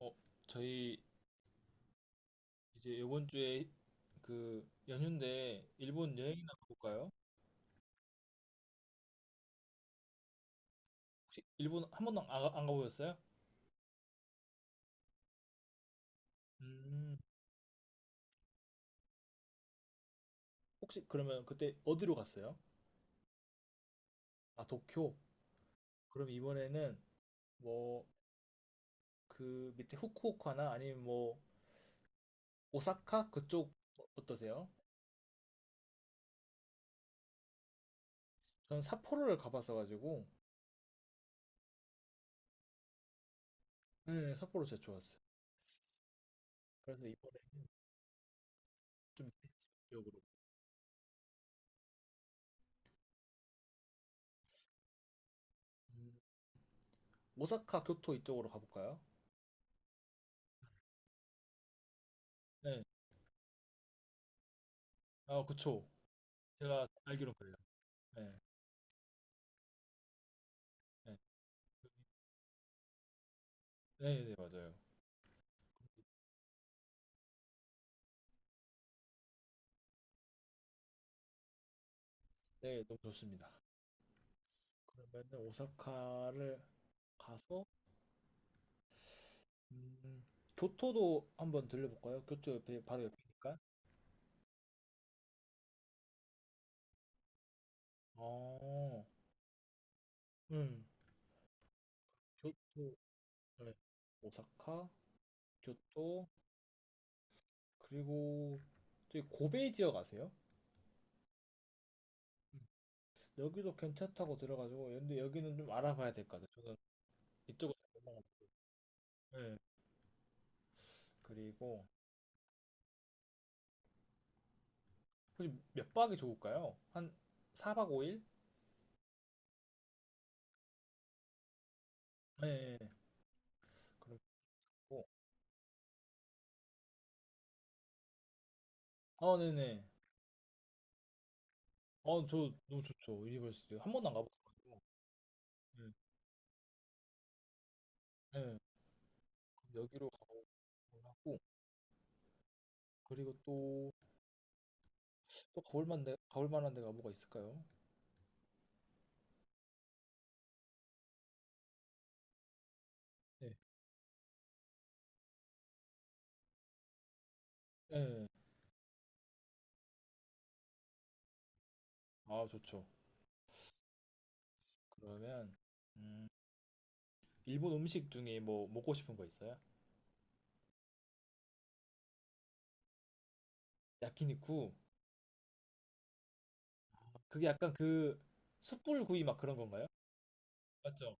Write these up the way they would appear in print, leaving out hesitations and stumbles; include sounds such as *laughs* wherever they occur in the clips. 어, 저희 이제 이번 주에 그 연휴인데 일본 여행이나 가볼까요? 혹시 일본 한 번도 안 가보셨어요? 음, 혹시 그러면 그때 어디로 갔어요? 아, 도쿄. 그럼 이번에는 뭐 그 밑에 후쿠오카나 아니면 뭐 오사카 그쪽 어떠세요? 저는 삿포로를 가봤어 가지고 네, 삿포로 진짜 좋았어요. 그래서 이번에 좀 밑에 지역으로 음, 오사카 교토 이쪽으로 가볼까요? 네. 아, 그쵸. 제가 알기론 그래요. 네. 네, 네, 네, 맞아요. 네, 너무 좋습니다. 그러면은 오사카를 가서 음, 교토도 한번 들려볼까요? 교토 옆에 바로 옆이니까. 어, 음, 교토, 네. 오사카, 교토, 그리고 저기 고베 지역 아세요? 음, 여기도 괜찮다고 들어가지고 근데 여기는 좀 알아봐야 될 것 같아요. 저는 이쪽으로 잘 몰라가지고. 네. 그리고 혹시 몇 박이 좋을까요? 한 4박 5일? 네. 그렇고 아, 네네. 아, 저 너무 좋죠. 유니버스. 한 번도 안 가봤어가지고. 네. 네. 여기로 가보고 하고 그리고 또 가볼 만한 데가 뭐가 있을까요? 네. 네. 아, 좋죠. 그러면 음, 일본 음식 중에 뭐 먹고 싶은 거 있어요? 야키니쿠. 그게 약간 그 숯불 구이 막 그런 건가요? 맞죠?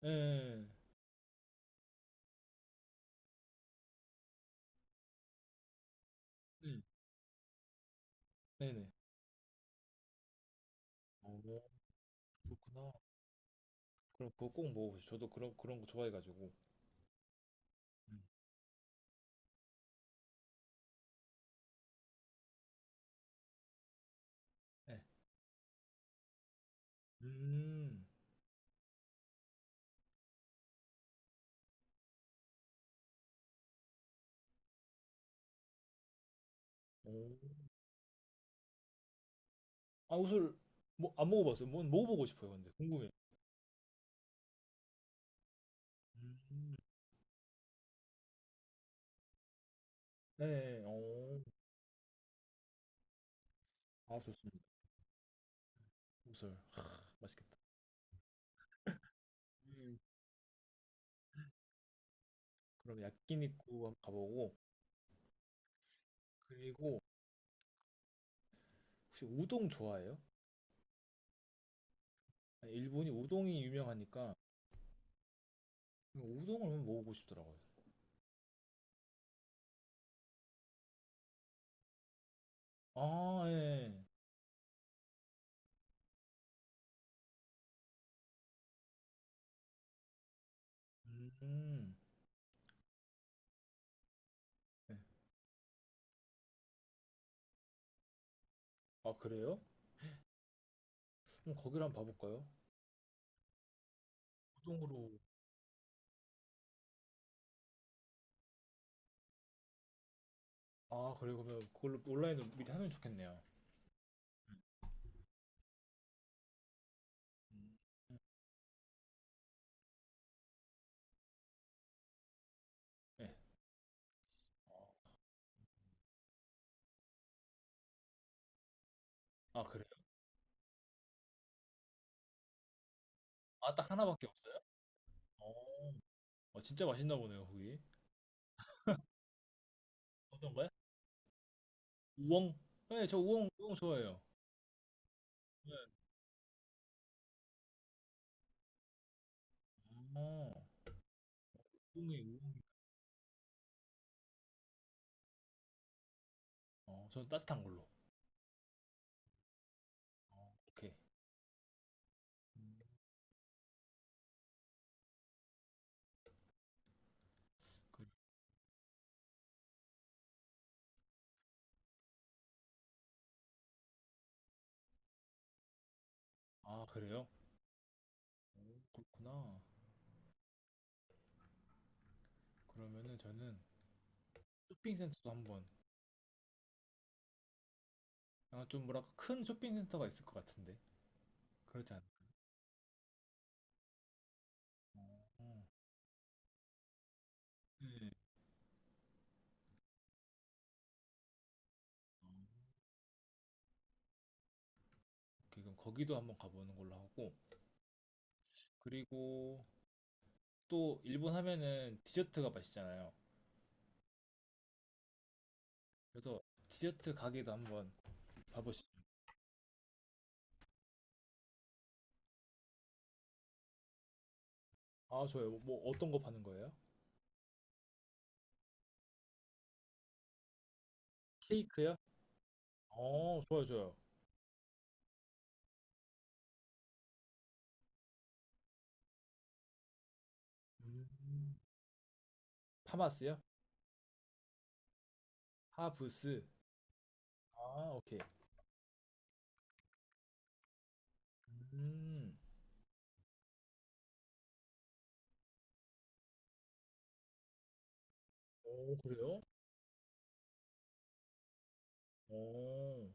네. 네. 네네. 어, 그렇구나. 그럼 그거 꼭 먹어보죠. 저도 그런 거 좋아해가지고. 음. 네. 음. 오. 아웃을 뭐 안 먹어봤어요. 뭐 먹어보고 싶어요. 근데 궁금해. 음. 네, 아 좋습니다. 우설 아, 맛있겠다. 음, 그럼 야끼니쿠 한번 가보고 그리고 혹시 우동 좋아해요? 아니, 일본이 우동이 유명하니까 우동을 한번 먹어보고 싶더라고요. 아, 예. 음, 네. 아 그래요? 그럼 거기를 한번 봐볼까요? 우동으로. 아 그래 그러면 그걸로 온라인으로 미리 하면 좋겠네요. 음, 네. 아 아, 그래요? 아 딱 하나밖에 없어요? 어. 아, 진짜 맛있나 보네요, 거기. 어떤 거요? 우엉? 네, 저 우엉, 우엉 좋아해요. 네. 어, 우엉이, 우엉이. 저는 따뜻한 걸로. 오케이. 음, 그- 아, 그래요? 오, 그렇구나. 그러면은 저는 쇼핑센터도 한번, 아, 좀 뭐랄까, 큰 쇼핑센터가 있을 것 같은데. 그렇지 않을까? 어, 어. 네. 어, 오케이, 그럼 거기도 한번 가보는 걸로 하고. 그리고 또 일본 하면은 디저트가 맛있잖아요. 그래서 디저트 가게도 한번 봐보시 아, 좋아요. 뭐 어떤 거 파는 거예요? 케이크요? 좋아요, 좋아요. 음, 파마스요? 하브스. 아, 오케이. 음, 오, 그래요? 오,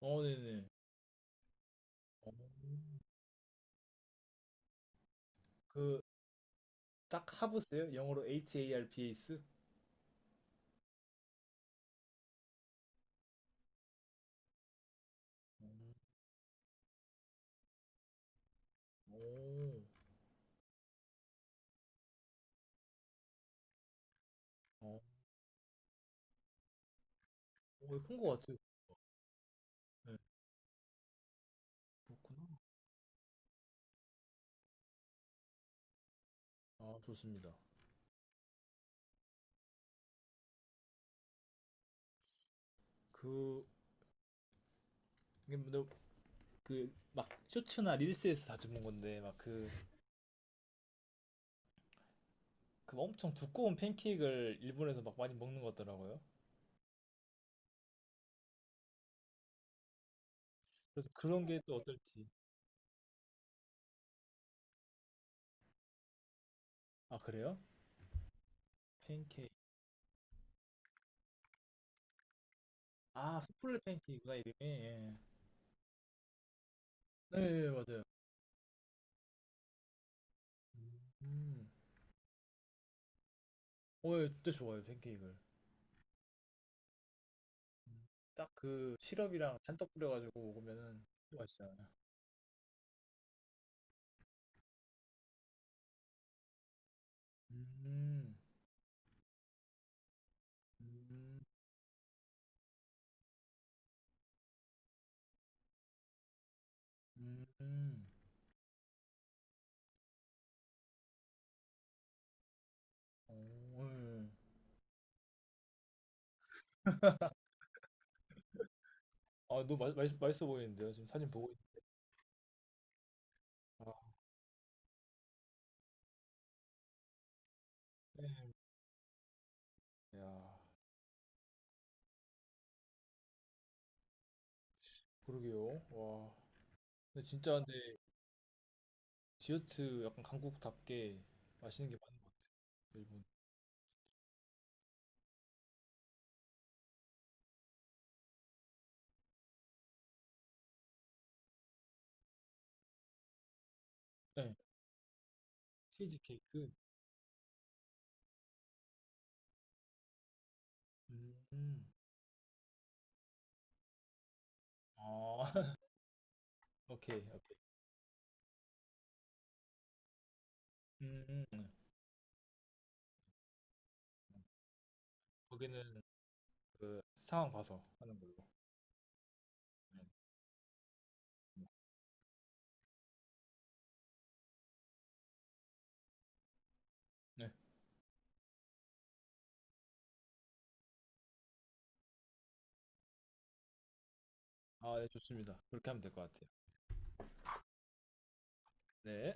네네. 어, 그, 딱 하브스요? 영어로 H-A-R-B-S? 음, 오, 어, 오, 큰거 같아요. 네, 그렇구나. 아, 좋습니다. 그, 이게 근데 그, 막, 쇼츠나 릴스에서 자주 본 건데, 막 그, 그 엄청 두꺼운 팬케이크를 일본에서 막 많이 먹는 것 같더라고요. 그래서 그런 게 또 어떨지. 아, 그래요? 팬케이크. 아, 수플레 팬케이크구나, 이름이. 예. 네, 예, 맞아요. 음, 음, 예, 진짜 좋아요, 팬케이크를. 음. 딱 그 시럽이랑 잔뜩 뿌려가지고 먹으면은 진짜 맛있잖아요. 음, 음, 음, 오, 예. 아, 너무 맛있어 보이는데요. 지금 사진 보고 있... 아, 네. 야, 그러게요. 와, 근데 진짜 근데 디저트 약간 한국답게 맛있는 게 많은 것 같아요. 일본. 네. 치즈케이크. 음. 어, *laughs* 오케이, 오케이. 음, 음, 음. 거기는 그 상황 봐서 하는 걸로. 네. 네. 아, 네, 좋습니다. 그렇게 하면 될 것 같아요. 네.